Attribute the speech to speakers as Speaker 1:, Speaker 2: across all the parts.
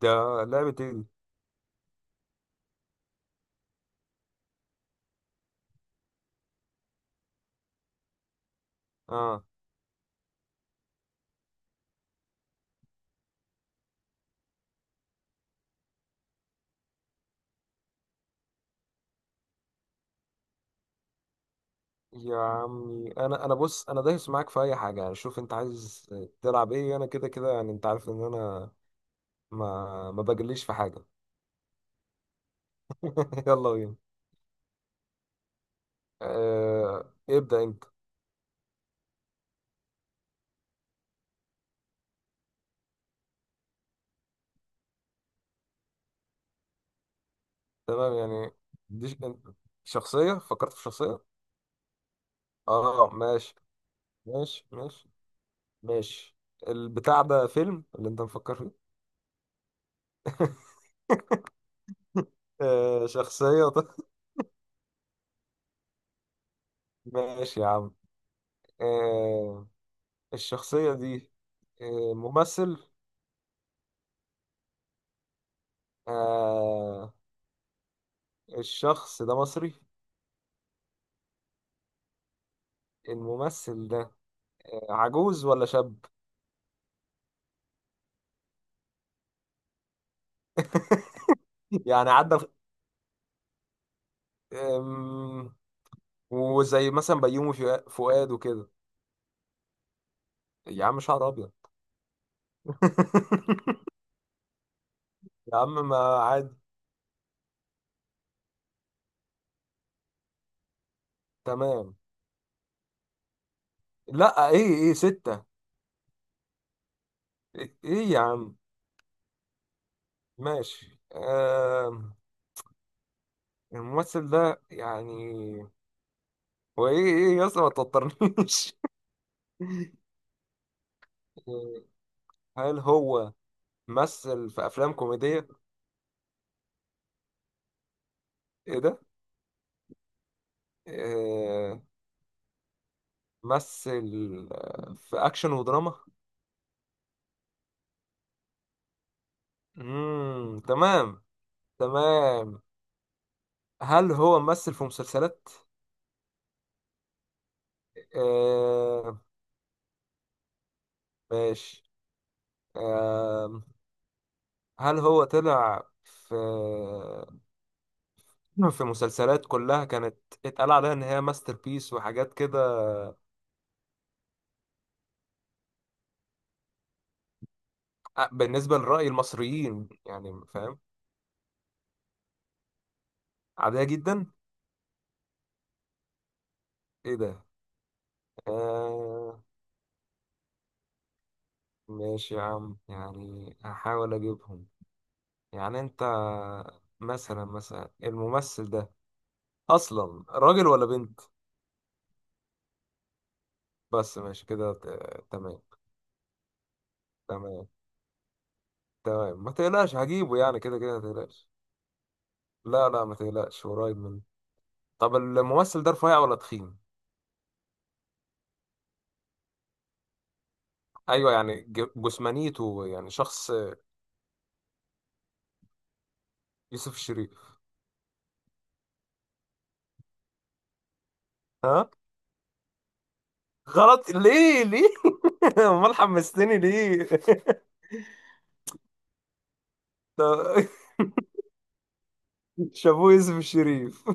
Speaker 1: ده لعبة ايه دي؟ اه يا عمي، انا بص، انا دايس معاك في اي حاجة يعني. شوف انت عايز تلعب ايه، انا كده كده يعني، انت عارف ان انا ما بجليش في حاجة. يلا بينا. آه، ابدأ انت. تمام يعني، دي شخصية، فكرت في شخصية. اه، ماشي ماشي ماشي ماشي. البتاع ده فيلم اللي انت مفكر فيه؟ آه، شخصية طيب. ماشي يا عم. آه، الشخصية دي. آه، ممثل. آه، الشخص ده مصري. الممثل ده. آه، عجوز ولا شاب؟ يعني عدى آم، وزي مثلا بيومي فؤاد وكده. يا عم، شعر ابيض. يا عم، ما... عادي. تمام. لا، ايه ستة. ايه يا عم. ماشي. الممثل ده يعني. هو ايه يا اسطى، ما توترنيش. هل هو مثل في افلام كوميدية؟ ايه ده. آه، مثل في اكشن ودراما. تمام. تمام. هل هو ممثل في مسلسلات؟ آه، ماشي. آه، هل هو طلع في في مسلسلات كلها كانت اتقال عليها ان هي ماستر بيس وحاجات كده؟ آه، بالنسبة لرأي المصريين يعني، فاهم. عادية جدا. ايه ده. آه، ماشي يا عم، يعني هحاول اجيبهم. يعني انت، مثلا الممثل ده، اصلا راجل ولا بنت؟ بس ماشي كده، تمام. تمام تمام، ما تقلقش هجيبه يعني كده كده، ما تقلقش. لا لا، ما تقلقش، قريب منه. طب الممثل ده رفيع ولا تخين؟ ايوه يعني، جسمانيته يعني شخص. يوسف الشريف. ها؟ غلط، ليه؟ امال حمستني ليه؟ طب. شابوه يوسف الشريف.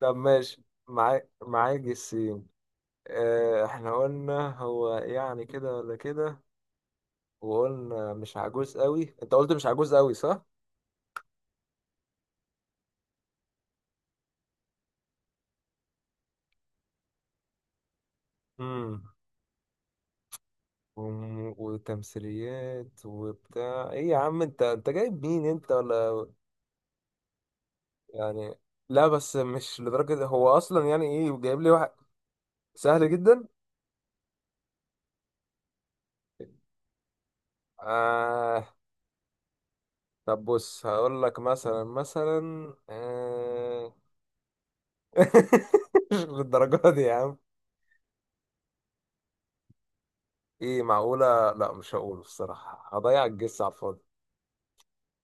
Speaker 1: طب ماشي. معاك السين. اه، احنا قلنا هو يعني كده ولا كده، وقلنا مش عجوز قوي، انت قلت مش عجوز قوي، صح؟ امم. وتمثيليات وبتاع، ايه يا عم، انت جايب مين، انت ولا... يعني. لا بس مش لدرجة، هو اصلا يعني ايه جايب لي واحد. سهل جدا. آه. طب بص، هقول لك مثلا مش للدرجة دي يا عم. ايه معقولة؟ لا مش هقوله الصراحة، هضيع الجس على الفاضي.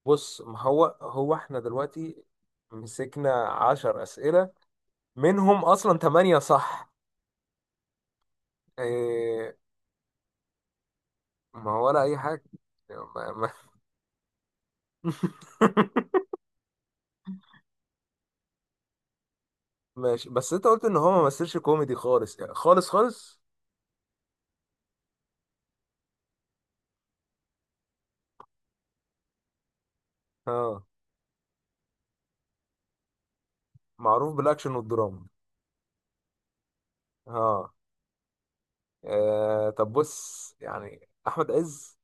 Speaker 1: بص، ما هو احنا دلوقتي مسكنا 10 أسئلة، منهم أصلا 8، صح؟ إيه؟ ما هو ولا أي حاجة. ما ماشي. بس أنت قلت إن هو ما مثلش كوميدي خالص، يعني خالص خالص. اه، معروف بالأكشن والدراما. اه. آه، طب بص يعني أحمد عز.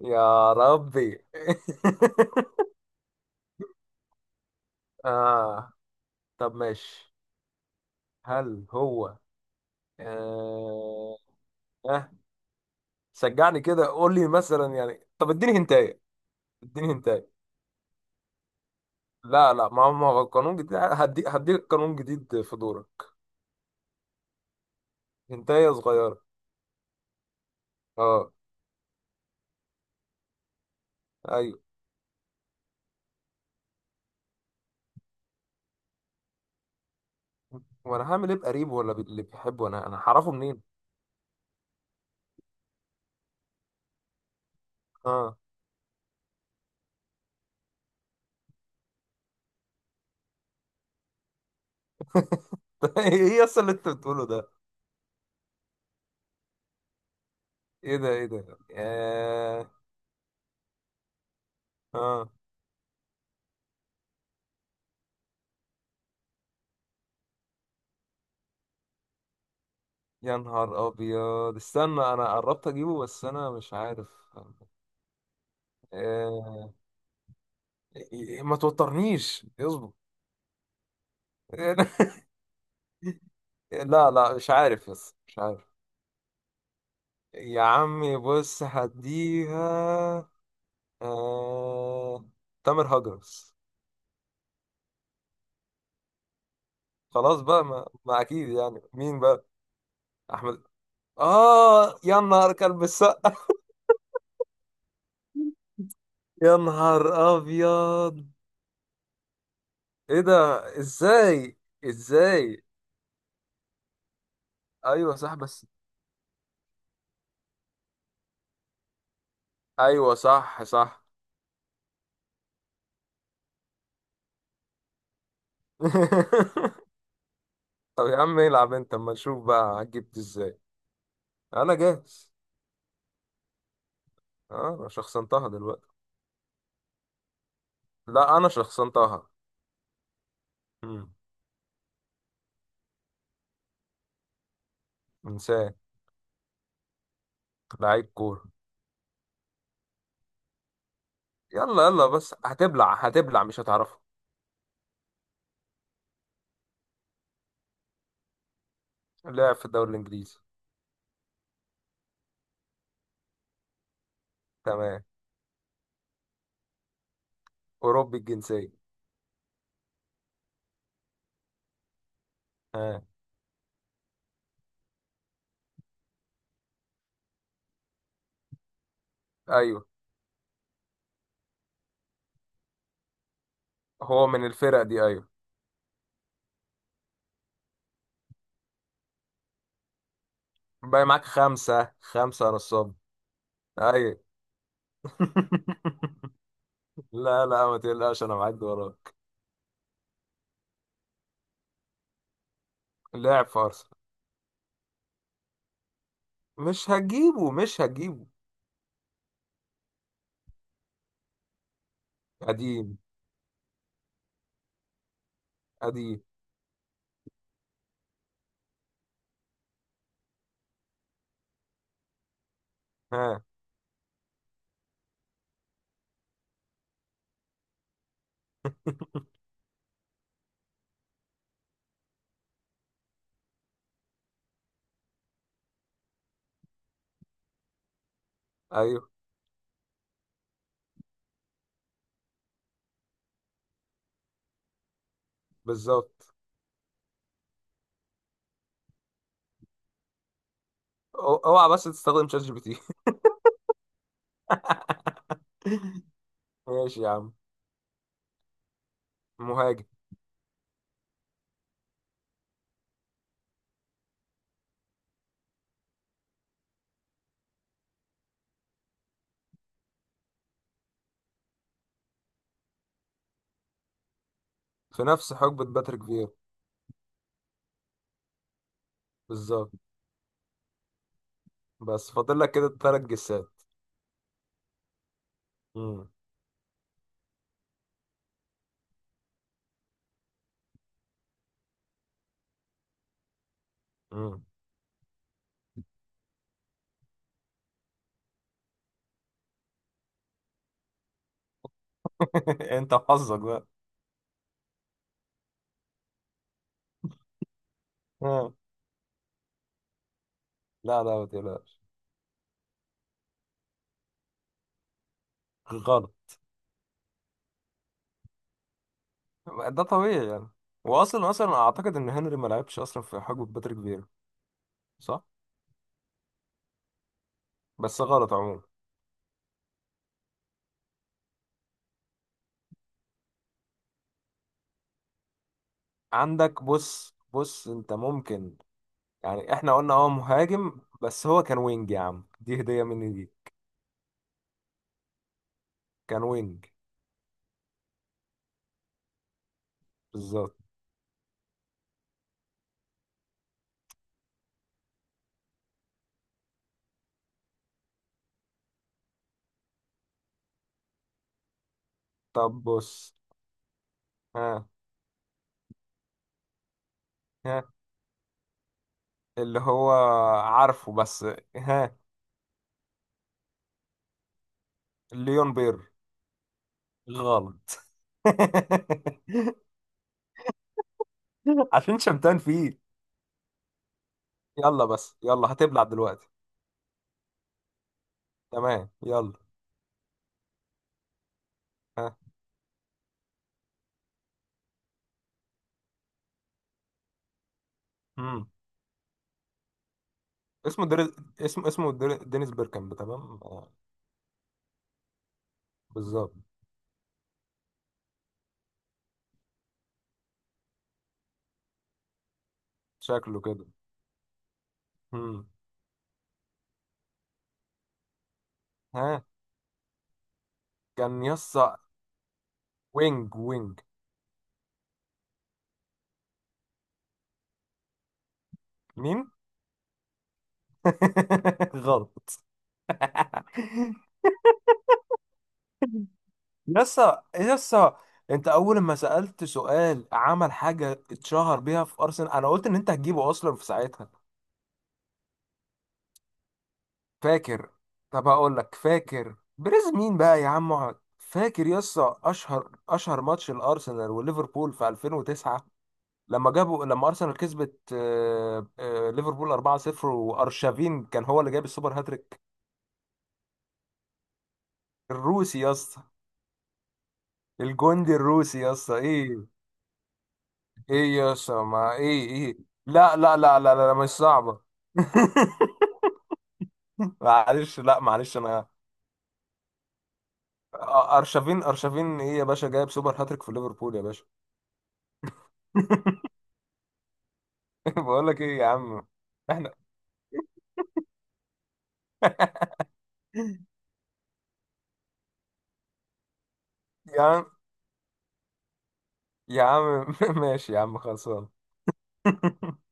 Speaker 1: يا ربي. آه، طب ماشي. هل هو آه آه، شجعني كده، قول لي مثلا يعني. طب اديني هنتايه. اديني هنتايه. لا لا، ما هو قانون جديد، هديك قانون جديد في دورك. هنتايه صغيره. اه. ايوه. وانا هعمل ايه بقريب ولا اللي بيحبه، انا هعرفه منين؟ اه. طب ايه اصلا اللي انت بتقوله ده؟ ايه ده، ايه ده؟ آه. اه، يا نهار ابيض، استنى. انا قربت اجيبه بس انا مش عارف. آه. ما توترنيش، اصبر. لا لا، مش عارف، بس مش عارف. يا عمي، بص، هديها. آه... تامر هجرس. خلاص بقى، ما اكيد يعني مين بقى؟ احمد. اه، يا نهار، كلب السقا. يا نهار ابيض. ايه ده. ازاي؟ ازاي؟ ايوه صح، بس. ايوه صح صح. طب يا عم، العب انت اما نشوف بقى هتجيب ازاي. انا جاهز. آه، انا شخصنتها دلوقتي. لا، انا شخصنتها. مم. انسان. لعيب كورة. يلا يلا، بس هتبلع هتبلع، مش هتعرفه. لعب في الدوري الانجليزي. تمام. اوروبي الجنسيه. ها؟ ايوه. هو من الفرق دي، ايوه. باقي معاك خمسه خمسه يا نصاب. ايوه. لا لا، ما تقلقش، انا معاك وراك. لاعب في ارسنال. مش هتجيبه مش هتجيبه. قديم. قديم. ها؟ ايوه، بالظبط. اوعى بس تستخدم شات جي بي تي. ماشي يا عم. مهاجم. في نفس حقبة باتريك فيرا. بالظبط. بس فاضل لك كده 3 جسات. مم. مم. انت وحظك بقى. آه. لا لا، ما تقلقش. غلط. ده طبيعي يعني. واصلا اعتقد ان هنري ما لعبش اصلا في حقبه باتريك فيرا، صح؟ بس غلط عموما. عندك، بص بص، انت ممكن، يعني احنا قلنا اه مهاجم، بس هو كان وينج، يا عم دي هديه مني دي. كان وينج. بالظبط. طب بص. ها. ها. اللي هو عارفه بس. ها. ليون بير. غلط. عشان شمتان فيه. يلا بس يلا، هتبلع دلوقتي. تمام، يلا. ها. مم. اسمه دري... اسمه دينيس بيركامب، تمام. بالظبط. شكله كده. مم. ها. كان يسا. وينج وينج. مين؟ غلط. يسا يسا. انت اول ما سألت سؤال عمل حاجة اتشهر بيها في ارسنال، انا قلت ان انت هتجيبه اصلا في ساعتها. فاكر. طب هقول لك، فاكر بريز مين بقى يا عم، اقعد فاكر يسا، اشهر ماتش الارسنال وليفربول في 2009، لما ارسنال كسبت، ليفربول 4-0، وارشافين كان هو اللي جاب السوبر هاتريك. الروسي، يسا. الجندي الروسي، يسا ايه. ايه يسا، ما ايه. لا لا لا لا لا، لا مش صعبة. معلش، لا معلش انا... أ- ارشافين ايه يا باشا، جايب سوبر هاتريك في ليفربول يا باشا. بقول لك ايه يا عم، احنا... يا عم، يا عم. ماشي يا عم خلصان.